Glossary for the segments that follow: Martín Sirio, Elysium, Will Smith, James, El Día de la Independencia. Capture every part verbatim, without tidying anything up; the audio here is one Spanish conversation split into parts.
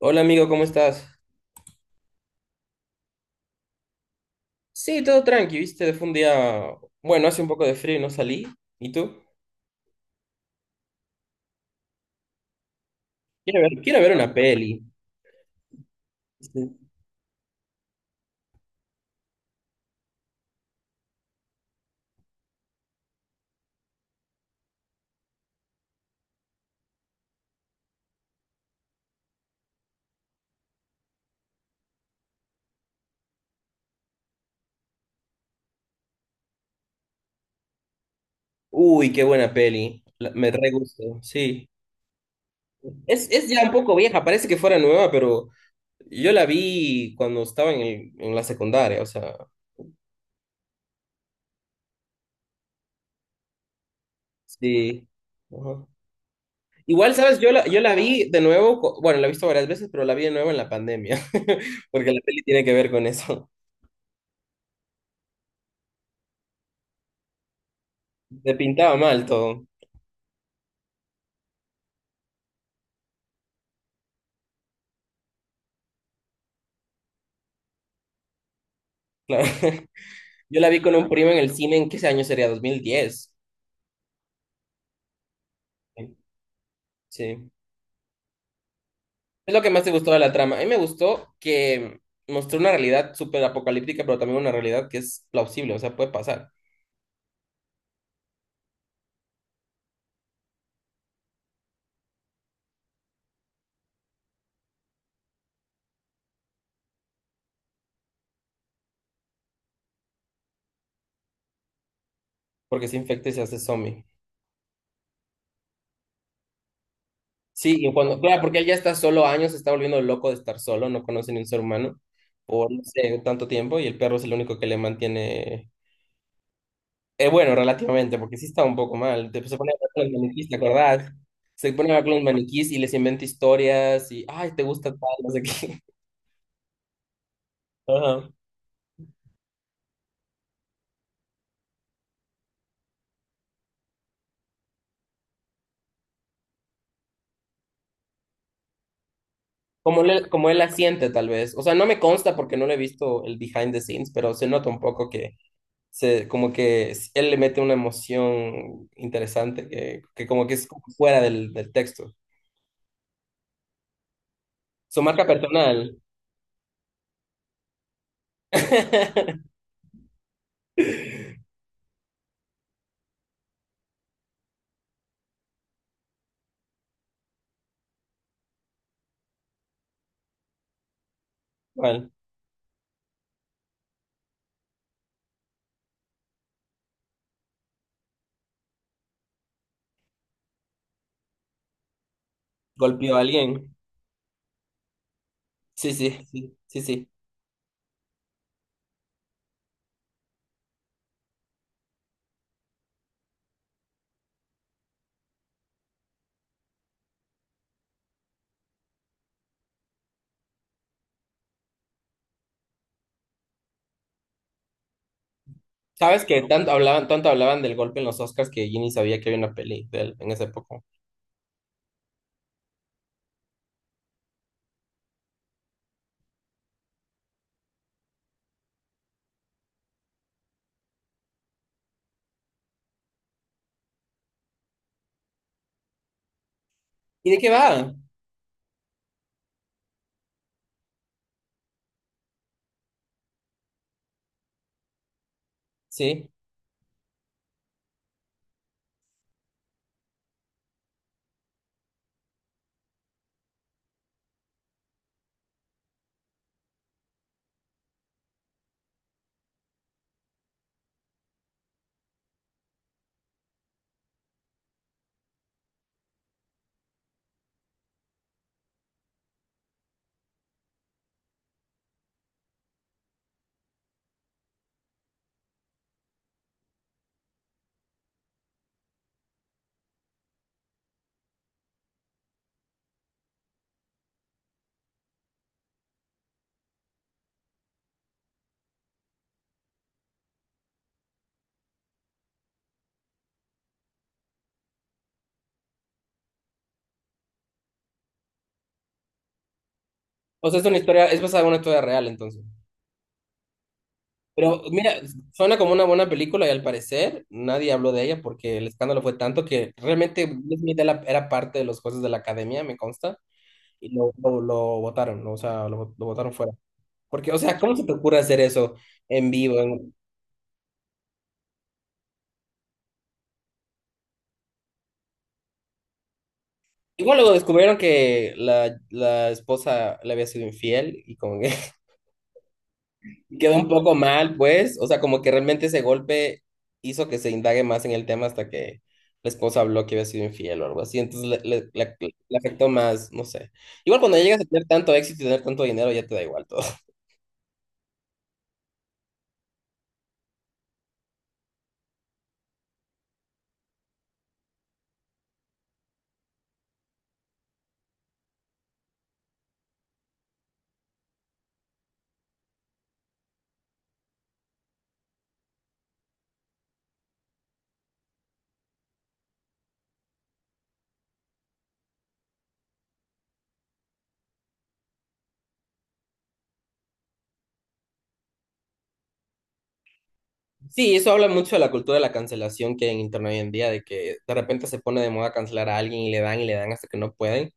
Hola amigo, ¿cómo estás? Sí, todo tranqui, viste, fue un día, bueno, hace un poco de frío y no salí. ¿Y tú? Quiero ver, quiero ver una peli. Sí. Uy, qué buena peli. La- me re gusta, sí. Es, es ya un poco vieja, parece que fuera nueva, pero yo la vi cuando estaba en, el- en la secundaria, o sea, sí. Ajá. Igual, ¿sabes? Yo la, yo la vi de nuevo, co- bueno, la he visto varias veces, pero la vi de nuevo en la pandemia, porque la peli tiene que ver con eso. Se pintaba mal todo, claro. Yo la vi con un primo en el cine, ¿en qué año sería? Dos mil diez. Sí. Es lo que más te gustó de la trama. A mí me gustó que mostró una realidad súper apocalíptica, pero también una realidad que es plausible, o sea, puede pasar, porque se infecta y se hace zombie. Sí, y cuando, claro, porque él ya está solo años, se está volviendo loco de estar solo, no conoce ni un ser humano por, no sé, tanto tiempo, y el perro es el único que le mantiene. Eh, bueno, relativamente, porque sí estaba un poco mal. Te- se pone a hablar con los maniquís, ¿te acordás? Se pone a hablar con los maniquís y les inventa historias y, ay, te gusta tal, no sé qué. Ajá. Como, él como él la siente, tal vez. O sea, no me consta porque no le he visto el behind the scenes, pero se nota un poco que se, como que s- él le mete una emoción interesante que, que como que es como fuera del, del texto. Su marca personal. ¿Cuál? ¿Golpeó a alguien? Sí, sí, sí, sí, sí. Sabes que no, tanto hablaban, tanto hablaban del golpe en los Oscars, que yo ni sabía que había una peli de él en esa época. ¿Y de qué va? Sí. O sea, es una historia, es basada en una historia real, entonces. Pero mira, suena como una buena película y al parecer nadie habló de ella porque el escándalo fue tanto que realmente Will Smith era era parte de los jueces de la academia, me consta, y lo, lo, lo votaron, ¿no? O sea, lo, lo votaron fuera. Porque, o sea, ¿cómo se te ocurre hacer eso en vivo? en- Igual luego descubrieron que la, la esposa le había sido infiel y con… Quedó un poco mal, pues, o sea, como que realmente ese golpe hizo que se indague más en el tema hasta que la esposa habló que había sido infiel o algo así, entonces le, le- le- le afectó más, no sé. Igual cuando llegas a tener tanto éxito y tener tanto dinero, ya te da igual todo. Sí, eso habla mucho de la cultura de la cancelación que hay en internet hoy en día, de que de repente se pone de moda cancelar a alguien y le dan y le dan hasta que no pueden.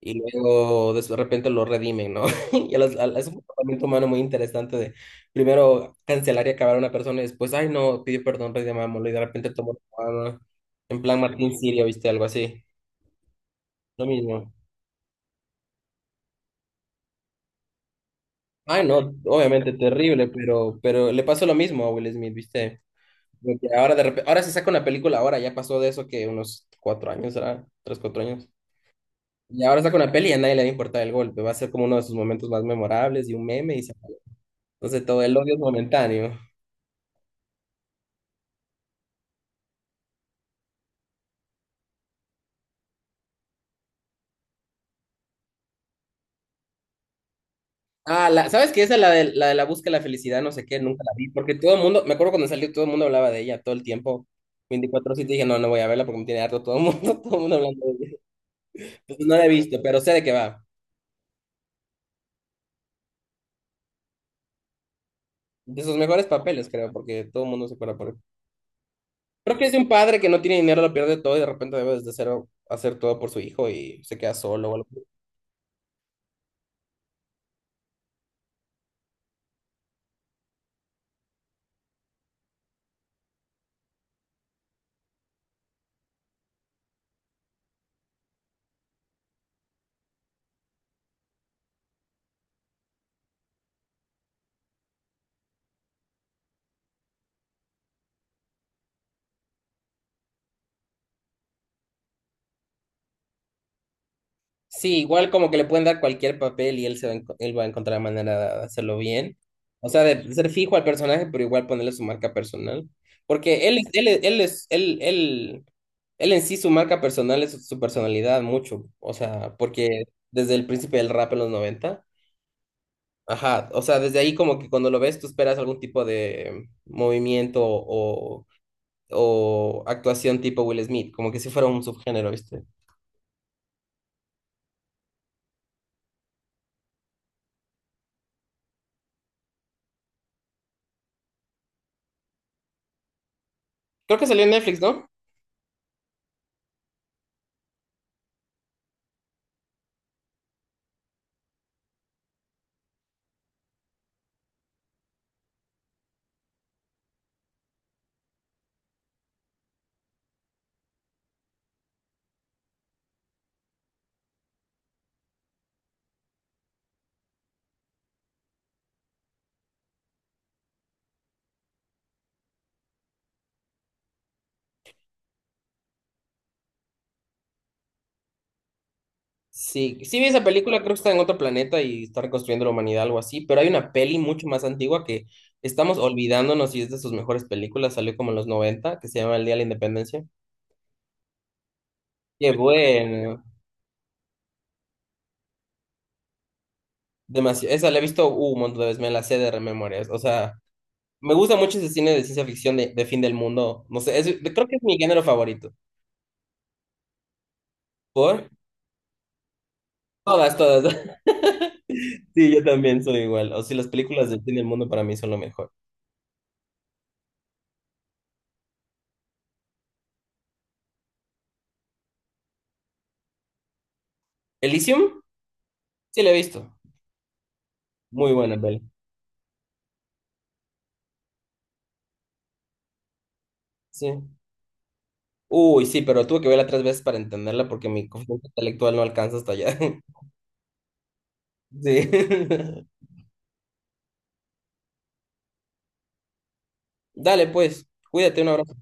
Y luego de repente lo redimen, ¿no? Y a las- a- es un comportamiento humano muy interesante, de primero cancelar y acabar a una persona y después, ay no, pidió perdón, redimámoslo y de repente tomó la mano. En plan Martín Sirio, ¿viste? Algo así. Lo mismo. Ay no, obviamente terrible, pero, pero, le pasó lo mismo a Will Smith, ¿viste? Como que ahora de repente, ahora se saca una película, ahora ya pasó de eso, que unos cuatro años, ¿será? Tres, cuatro años. Y ahora saca una peli y a nadie le va a importar el golpe. Va a ser como uno de sus momentos más memorables y un meme, y se acabó. Entonces todo el odio es momentáneo. Ah, la, ¿sabes qué? Esa, la de, la de la búsqueda de la felicidad, no sé qué, nunca la vi, porque todo el mundo, me acuerdo cuando salió, todo el mundo hablaba de ella todo el tiempo, veinticuatro siete, dije, no, no voy a verla porque me tiene harto todo el mundo, todo el mundo hablando de ella. Entonces, no la he visto, pero sé de qué va. De sus mejores papeles, creo, porque todo el mundo se acuerda por él. Creo que es de un padre que no tiene dinero, lo pierde todo y de repente debe desde cero hacer todo por su hijo y se queda solo o algo. Sí, igual como que le pueden dar cualquier papel y él, se va, a enco- él va a encontrar la manera de hacerlo bien. O sea, de ser fijo al personaje, pero igual ponerle su marca personal. Porque él, es- él, es- él es, él, él, él en sí, su marca personal es su, su personalidad mucho. O sea, porque desde el principio del rap en los noventa. Ajá, o sea, desde ahí como que cuando lo ves tú esperas algún tipo de movimiento o, o actuación tipo Will Smith, como que si fuera un subgénero, ¿viste? Creo que salió en Netflix, ¿no? Sí, sí vi esa película, creo que está en otro planeta y está reconstruyendo la humanidad, algo así, pero hay una peli mucho más antigua que estamos olvidándonos y es de sus mejores películas, salió como en los noventa, que se llama El Día de la Independencia. Qué bueno, demasiado, esa la he visto uh, un montón de veces, me la sé de rememorias, o sea, me gusta mucho ese cine de ciencia ficción de, de fin del mundo, no sé, es- creo que es mi género favorito. ¿Por? Todas, todas, sí, yo también soy igual, o sea, las películas de fin del mundo para mí son lo mejor. Elysium, sí la he visto, muy buena peli, sí. Uy, sí, pero tuve que verla tres veces para entenderla porque mi coeficiente intelectual no alcanza hasta allá. Sí. Dale, pues, cuídate, un abrazo.